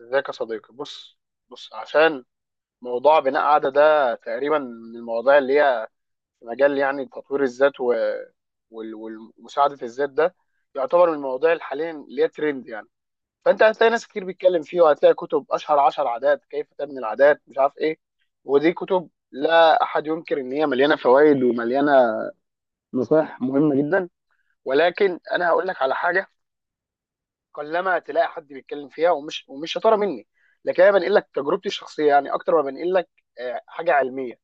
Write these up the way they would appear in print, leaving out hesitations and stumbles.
ازيك يا صديقي؟ بص. بص، موضوع بناء عادة ده تقريبا من المواضيع اللي هي في مجال يعني تطوير الذات و... وال... ومساعدة الذات ده يعتبر من المواضيع اللي حاليا اللي هي ترند، يعني فانت هتلاقي ناس كتير بيتكلم فيه، وهتلاقي كتب اشهر عشر عادات، كيف تبني العادات، مش عارف ايه. ودي كتب لا احد ينكر ان هي مليانة فوائد ومليانة نصائح مهمة جدا. ولكن انا هقول لك على حاجة قلما تلاقي حد بيتكلم فيها، ومش شطاره مني، لكن انا بنقل لك تجربتي الشخصيه يعني اكتر ما بنقل لك حاجه علميه.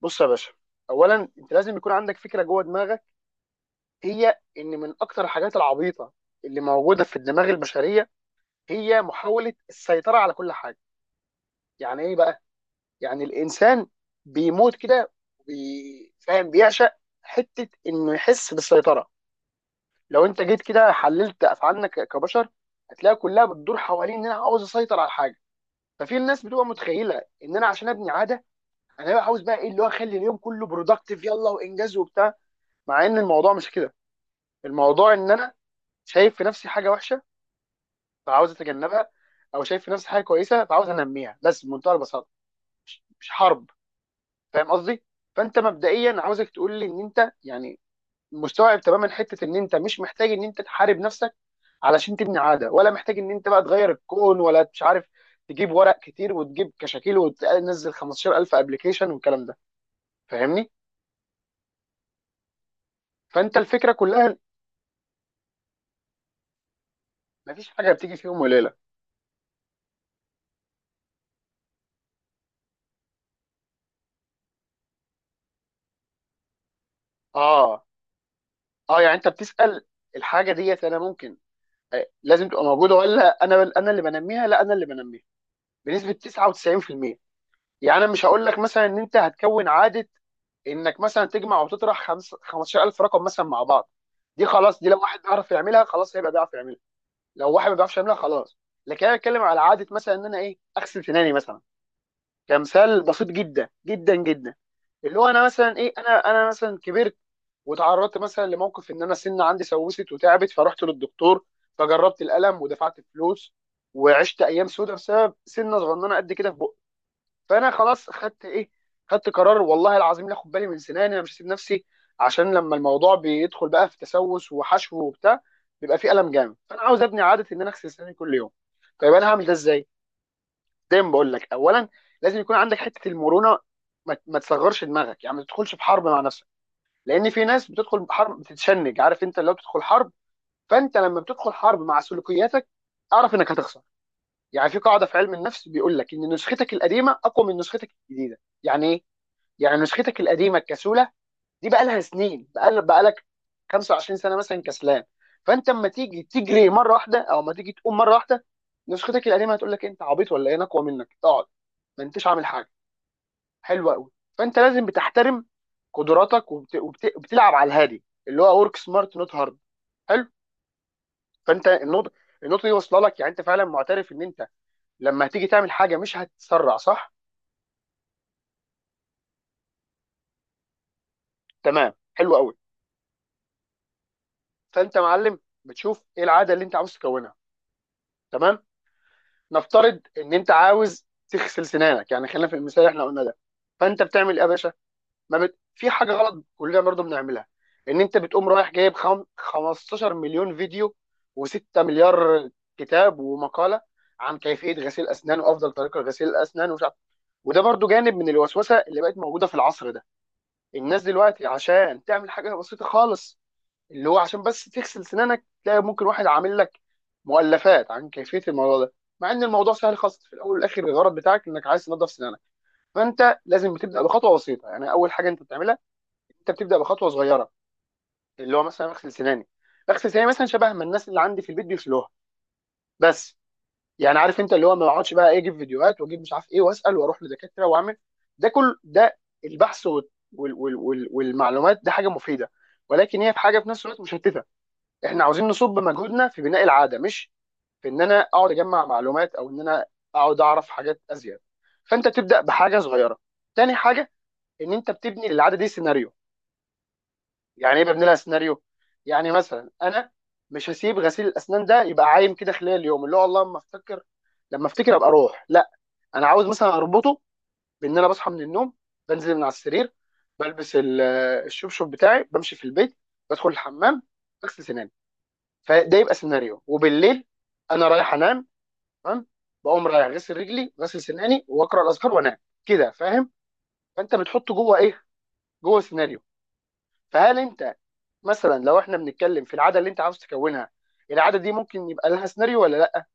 بص يا باشا، اولا انت لازم يكون عندك فكره جوه دماغك، هي ان من اكتر الحاجات العبيطه اللي موجوده في الدماغ البشريه هي محاوله السيطره على كل حاجه. يعني ايه بقى؟ يعني الانسان بيموت كده، فاهم، بيعشق حته انه يحس بالسيطره. لو انت جيت كده حللت افعالنا كبشر، هتلاقي كلها بتدور حوالين ان انا عاوز اسيطر على حاجه. ففي الناس بتبقى متخيله ان انا عشان ابني عاده انا بقى عاوز بقى ايه اللي هو اخلي اليوم كله برودكتيف، يلا وانجاز وبتاع، مع ان الموضوع مش كده. الموضوع ان انا شايف في نفسي حاجه وحشه فعاوز اتجنبها، او شايف في نفسي حاجه كويسه فعاوز انميها، بس بمنتهى البساطه، مش حرب. فاهم قصدي؟ فانت مبدئيا عاوزك تقول لي ان انت يعني مستوعب تماما حته ان انت مش محتاج ان انت تحارب نفسك علشان تبني عاده، ولا محتاج ان انت بقى تغير الكون، ولا مش عارف تجيب ورق كتير وتجيب كشاكيل وتنزل 15000 ابلكيشن والكلام ده. فاهمني؟ فانت الفكره كلها مفيش حاجه بتيجي في يوم وليله. اه. اه يعني انت بتسال الحاجه ديت انا ممكن لازم تبقى موجوده ولا انا اللي بنميها؟ لا، انا اللي بنميها، بنسبه 99%. يعني انا مش هقول لك مثلا ان انت هتكون عاده انك مثلا تجمع وتطرح 15000 رقم مثلا مع بعض. دي خلاص، دي لو واحد بيعرف يعملها خلاص هيبقى بيعرف يعملها، لو واحد ما بيعرفش يعملها خلاص. لكن انا بتكلم على عاده مثلا ان انا ايه، اغسل سناني مثلا، كمثال بسيط جدا جدا جدا. اللي هو انا مثلا ايه، انا مثلا كبرت وتعرضت مثلا لموقف ان انا سنه عندي سوست وتعبت، فرحت للدكتور فجربت الالم ودفعت فلوس وعشت ايام سودة بسبب سنه صغننه قد كده في بقي. فانا خلاص خدت ايه، خدت قرار، والله العظيم لا اخد بالي من سناني، انا مش هسيب نفسي. عشان لما الموضوع بيدخل بقى في تسوس وحشو وبتاع بيبقى فيه الم جامد، فانا عاوز ابني عاده ان انا اغسل سناني كل يوم. طيب انا هعمل ده ازاي؟ دايما بقول لك اولا لازم يكون عندك حته المرونه، ما تصغرش دماغك، يعني ما تدخلش في حرب مع نفسك. لان في ناس بتدخل حرب بتتشنج، عارف، انت لو بتدخل حرب، فانت لما بتدخل حرب مع سلوكياتك اعرف انك هتخسر. يعني في قاعده في علم النفس بيقول لك ان نسختك القديمه اقوى من نسختك الجديده. يعني ايه؟ يعني نسختك القديمه الكسوله دي بقى لها سنين، بقى لك 25 سنه مثلا كسلان، فانت اما تيجي تجري مره واحده او اما تيجي تقوم مره واحده، نسختك القديمه هتقول لك انت عبيط ولا ايه، انا اقوى منك، اقعد، ما انتش عامل حاجه. حلوه قوي. فانت لازم بتحترم قدراتك وبت... وبت... وبتلعب على الهادي، اللي هو ورك سمارت نوت هارد. حلو. فانت النقطه دي واصله لك، يعني انت فعلا معترف ان انت لما هتيجي تعمل حاجه مش هتتسرع، صح؟ تمام، حلو قوي. فانت يا معلم بتشوف ايه العاده اللي انت عاوز تكونها. تمام. نفترض ان انت عاوز تغسل سنانك، يعني خلينا في المثال اللي احنا قلنا ده. فانت بتعمل ايه يا باشا؟ ما بت... في حاجه غلط كلنا برضه بنعملها، ان انت بتقوم رايح جايب 15 مليون فيديو و6 مليار كتاب ومقاله عن كيفيه غسيل اسنان وافضل طريقه لغسيل الاسنان ومش عارف. وده برضه جانب من الوسوسه اللي بقت موجوده في العصر ده. الناس دلوقتي عشان تعمل حاجه بسيطه خالص اللي هو عشان بس تغسل سنانك تلاقي ممكن واحد عامل لك مؤلفات عن كيفيه الموضوع ده، مع ان الموضوع سهل خالص. في الاول والاخر الغرض بتاعك انك عايز تنظف سنانك. فانت لازم تبدا بخطوه بسيطه، يعني اول حاجه انت بتعملها انت بتبدا بخطوه صغيره، اللي هو مثلا اغسل سناني، اغسل سناني مثلا شبه ما الناس اللي عندي في البيت بيغسلوها، بس. يعني عارف، انت اللي هو ما اقعدش بقى ايه اجيب فيديوهات واجيب مش عارف ايه واسال واروح لدكاتره واعمل، ده كل ده البحث وال وال وال وال والمعلومات، ده حاجه مفيده، ولكن هي في حاجه في نفس الوقت مشتته. احنا عاوزين نصب مجهودنا في بناء العاده، مش في ان انا اقعد اجمع معلومات، او ان انا اقعد اعرف حاجات ازيد. فانت تبدا بحاجه صغيره. تاني حاجه ان انت بتبني للعاده دي سيناريو. يعني ايه ببني لها سيناريو؟ يعني مثلا انا مش هسيب غسيل الاسنان ده يبقى عايم كده خلال اليوم، اللي هو الله لما افتكر، لما افتكر ابقى اروح، لا. انا عاوز مثلا اربطه بان انا بصحى من النوم، بنزل من على السرير، بلبس الشبشب بتاعي، بمشي في البيت، بدخل الحمام، بغسل سناني، فده يبقى سيناريو. وبالليل انا رايح انام، تمام، بقوم رايح غسل رجلي، غسل سناني، واقرا الاذكار، وانام. كده فاهم؟ فانت بتحطه جوه ايه، جوه سيناريو. فهل انت مثلا، لو احنا بنتكلم في العاده اللي انت عاوز تكونها، العاده دي ممكن يبقى لها سيناريو ولا لا؟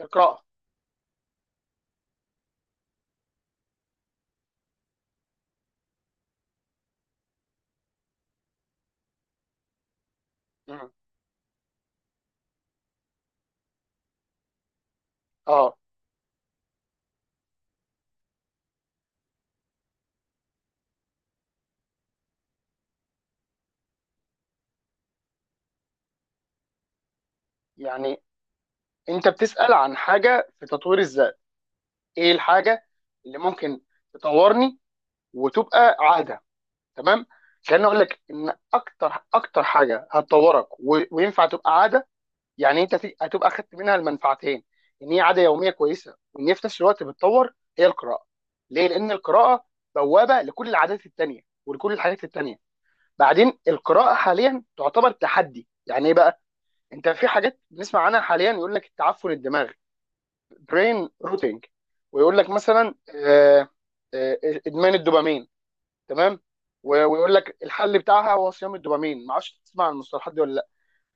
اقراها. مم. اه يعني انت بتسال عن حاجه في تطوير الذات، ايه الحاجه اللي ممكن تطورني وتبقى عاده، تمام. كان اقول لك ان اكتر اكتر حاجه هتطورك وينفع تبقى عاده، يعني انت هتبقى اخدت منها المنفعتين، ان هي عاده يوميه كويسه وان هي في نفس الوقت بتطور، هي القراءه. ليه؟ لان القراءه بوابه لكل العادات التانيه ولكل الحاجات التانيه. بعدين القراءه حاليا تعتبر تحدي. يعني ايه بقى؟ انت في حاجات بنسمع عنها حاليا يقول لك التعفن الدماغي، برين روتينج، ويقول لك مثلا آه، ادمان الدوبامين، تمام، ويقول لك الحل بتاعها هو صيام الدوبامين، ما اعرفش تسمع عن المصطلحات دي ولا لا.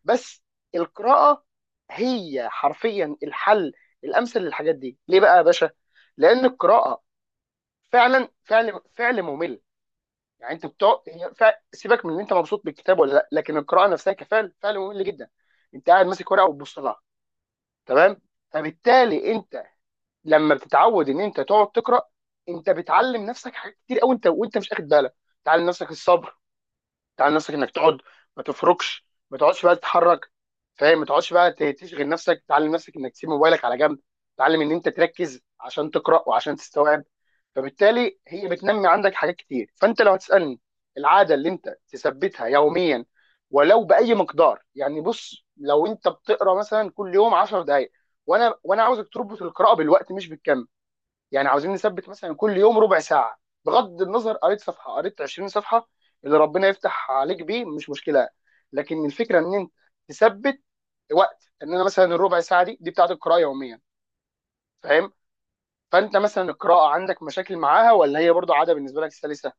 بس القراءه هي حرفيا الحل الامثل للحاجات دي. ليه بقى يا باشا؟ لان القراءه فعلا فعل ممل. يعني انت بتقعد، هي سيبك من ان انت مبسوط بالكتاب ولا لا، لكن القراءه نفسها كفعل فعل ممل جدا. انت قاعد ماسك ورقه وتبص لها، تمام. فبالتالي انت لما بتتعود ان انت تقعد تقرا، انت بتعلم نفسك حاجات كتير قوي انت وانت مش واخد بالك. تعلم نفسك الصبر، تعال نفسك انك تقعد، ما تفركش، ما تقعدش بقى تتحرك، فاهم، ما تقعدش بقى تشغل نفسك، تعلم نفسك انك تسيب موبايلك على جنب، تعلم ان انت تركز عشان تقرا وعشان تستوعب. فبالتالي هي بتنمي عندك حاجات كتير. فانت لو هتسالني، العاده اللي انت تثبتها يوميا ولو باي مقدار، يعني بص لو انت بتقرا مثلا كل يوم 10 دقائق، وانا عاوزك تربط القراءه بالوقت مش بالكم. يعني عاوزين نثبت مثلا كل يوم ربع ساعه، بغض النظر قريت صفحه قريت 20 صفحه، اللي ربنا يفتح عليك بيه مش مشكله، لكن الفكره ان انت تثبت وقت، ان انا مثلا الربع ساعه دي بتاعت القراءه يوميا، فاهم؟ فانت مثلا القراءه عندك مشاكل معاها، ولا هي برضو عاده بالنسبه لك سلسه؟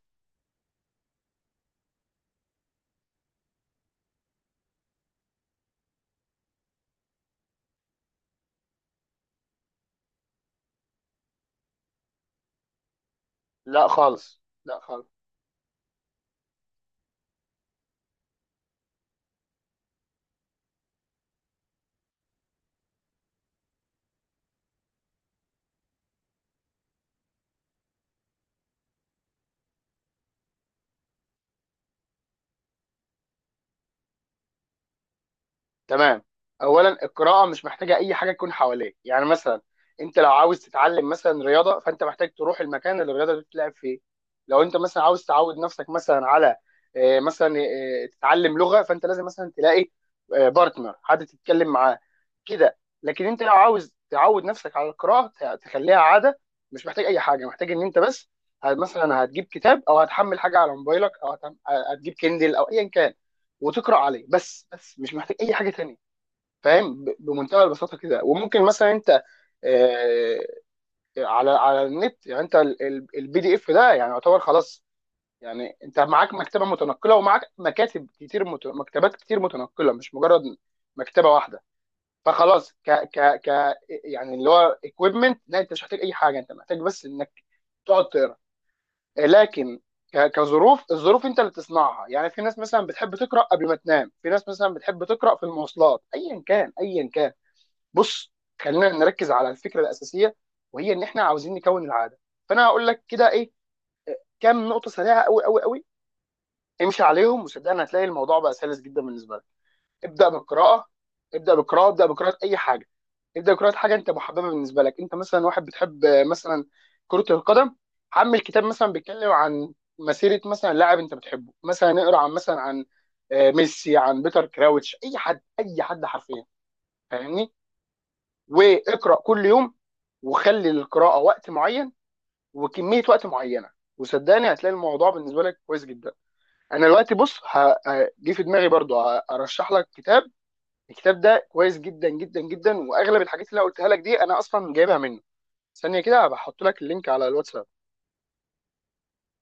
لا خالص، لا خالص. تمام. اولا القراءه مش محتاجه اي حاجه تكون حواليك، يعني مثلا انت لو عاوز تتعلم مثلا رياضه فانت محتاج تروح المكان اللي الرياضه دي بتتلعب فيه، لو انت مثلا عاوز تعود نفسك مثلا على آه، مثلا آه، تتعلم لغه فانت لازم مثلا تلاقي بارتنر، حد تتكلم معاه، كده. لكن انت لو عاوز تعود نفسك على القراءه تخليها عاده، مش محتاج اي حاجه، محتاج ان انت بس مثلا هتجيب كتاب، او هتحمل حاجه على موبايلك، او هتجيب كندل او ايا كان وتقرا عليه، بس، مش محتاج اي حاجه تانية، فاهم، بمنتهى البساطه كده. وممكن مثلا انت آه، على النت يعني انت البي دي اف ده يعني يعتبر خلاص، يعني انت معاك مكتبه متنقله، ومعاك مكاتب كتير مكتبات كتير متنقله مش مجرد مكتبه واحده. فخلاص ك ك ك يعني اللي هو اكويبمنت، لا، انت مش محتاج اي حاجه، انت محتاج بس انك تقعد تقرا. لكن كظروف، الظروف انت اللي تصنعها، يعني في ناس مثلا بتحب تقرا قبل ما تنام، في ناس مثلا بتحب تقرا في المواصلات، ايا كان ايا كان. بص، خلينا نركز على الفكره الاساسيه، وهي ان احنا عاوزين نكون العاده. فانا هقول لك كده ايه، كام نقطه سريعه قوي قوي قوي، امشي عليهم وصدقني هتلاقي الموضوع بقى سلس جدا بالنسبه لك. ابدا بالقراءه، ابدا بالقراءه، ابدا بقراءه اي حاجه، ابدا بقراءه حاجه انت محببه بالنسبه لك. انت مثلا واحد بتحب مثلا كره القدم، حمل كتاب مثلا بيتكلم عن مسيره مثلا لاعب انت بتحبه، مثلا اقرا عن مثلا عن ميسي، عن بيتر كراوتش، اي حد اي حد حرفيا، فاهمني. واقرا كل يوم، وخلي للقراءه وقت معين وكميه وقت معينه، وصدقني هتلاقي الموضوع بالنسبه لك كويس جدا. انا دلوقتي بص، جه في دماغي برضو ارشح لك كتاب. الكتاب ده كويس جدا جدا جدا، واغلب الحاجات اللي أنا قلتها لك دي انا اصلا جايبها منه، ثانيه كده هبقى احط لك اللينك على الواتساب.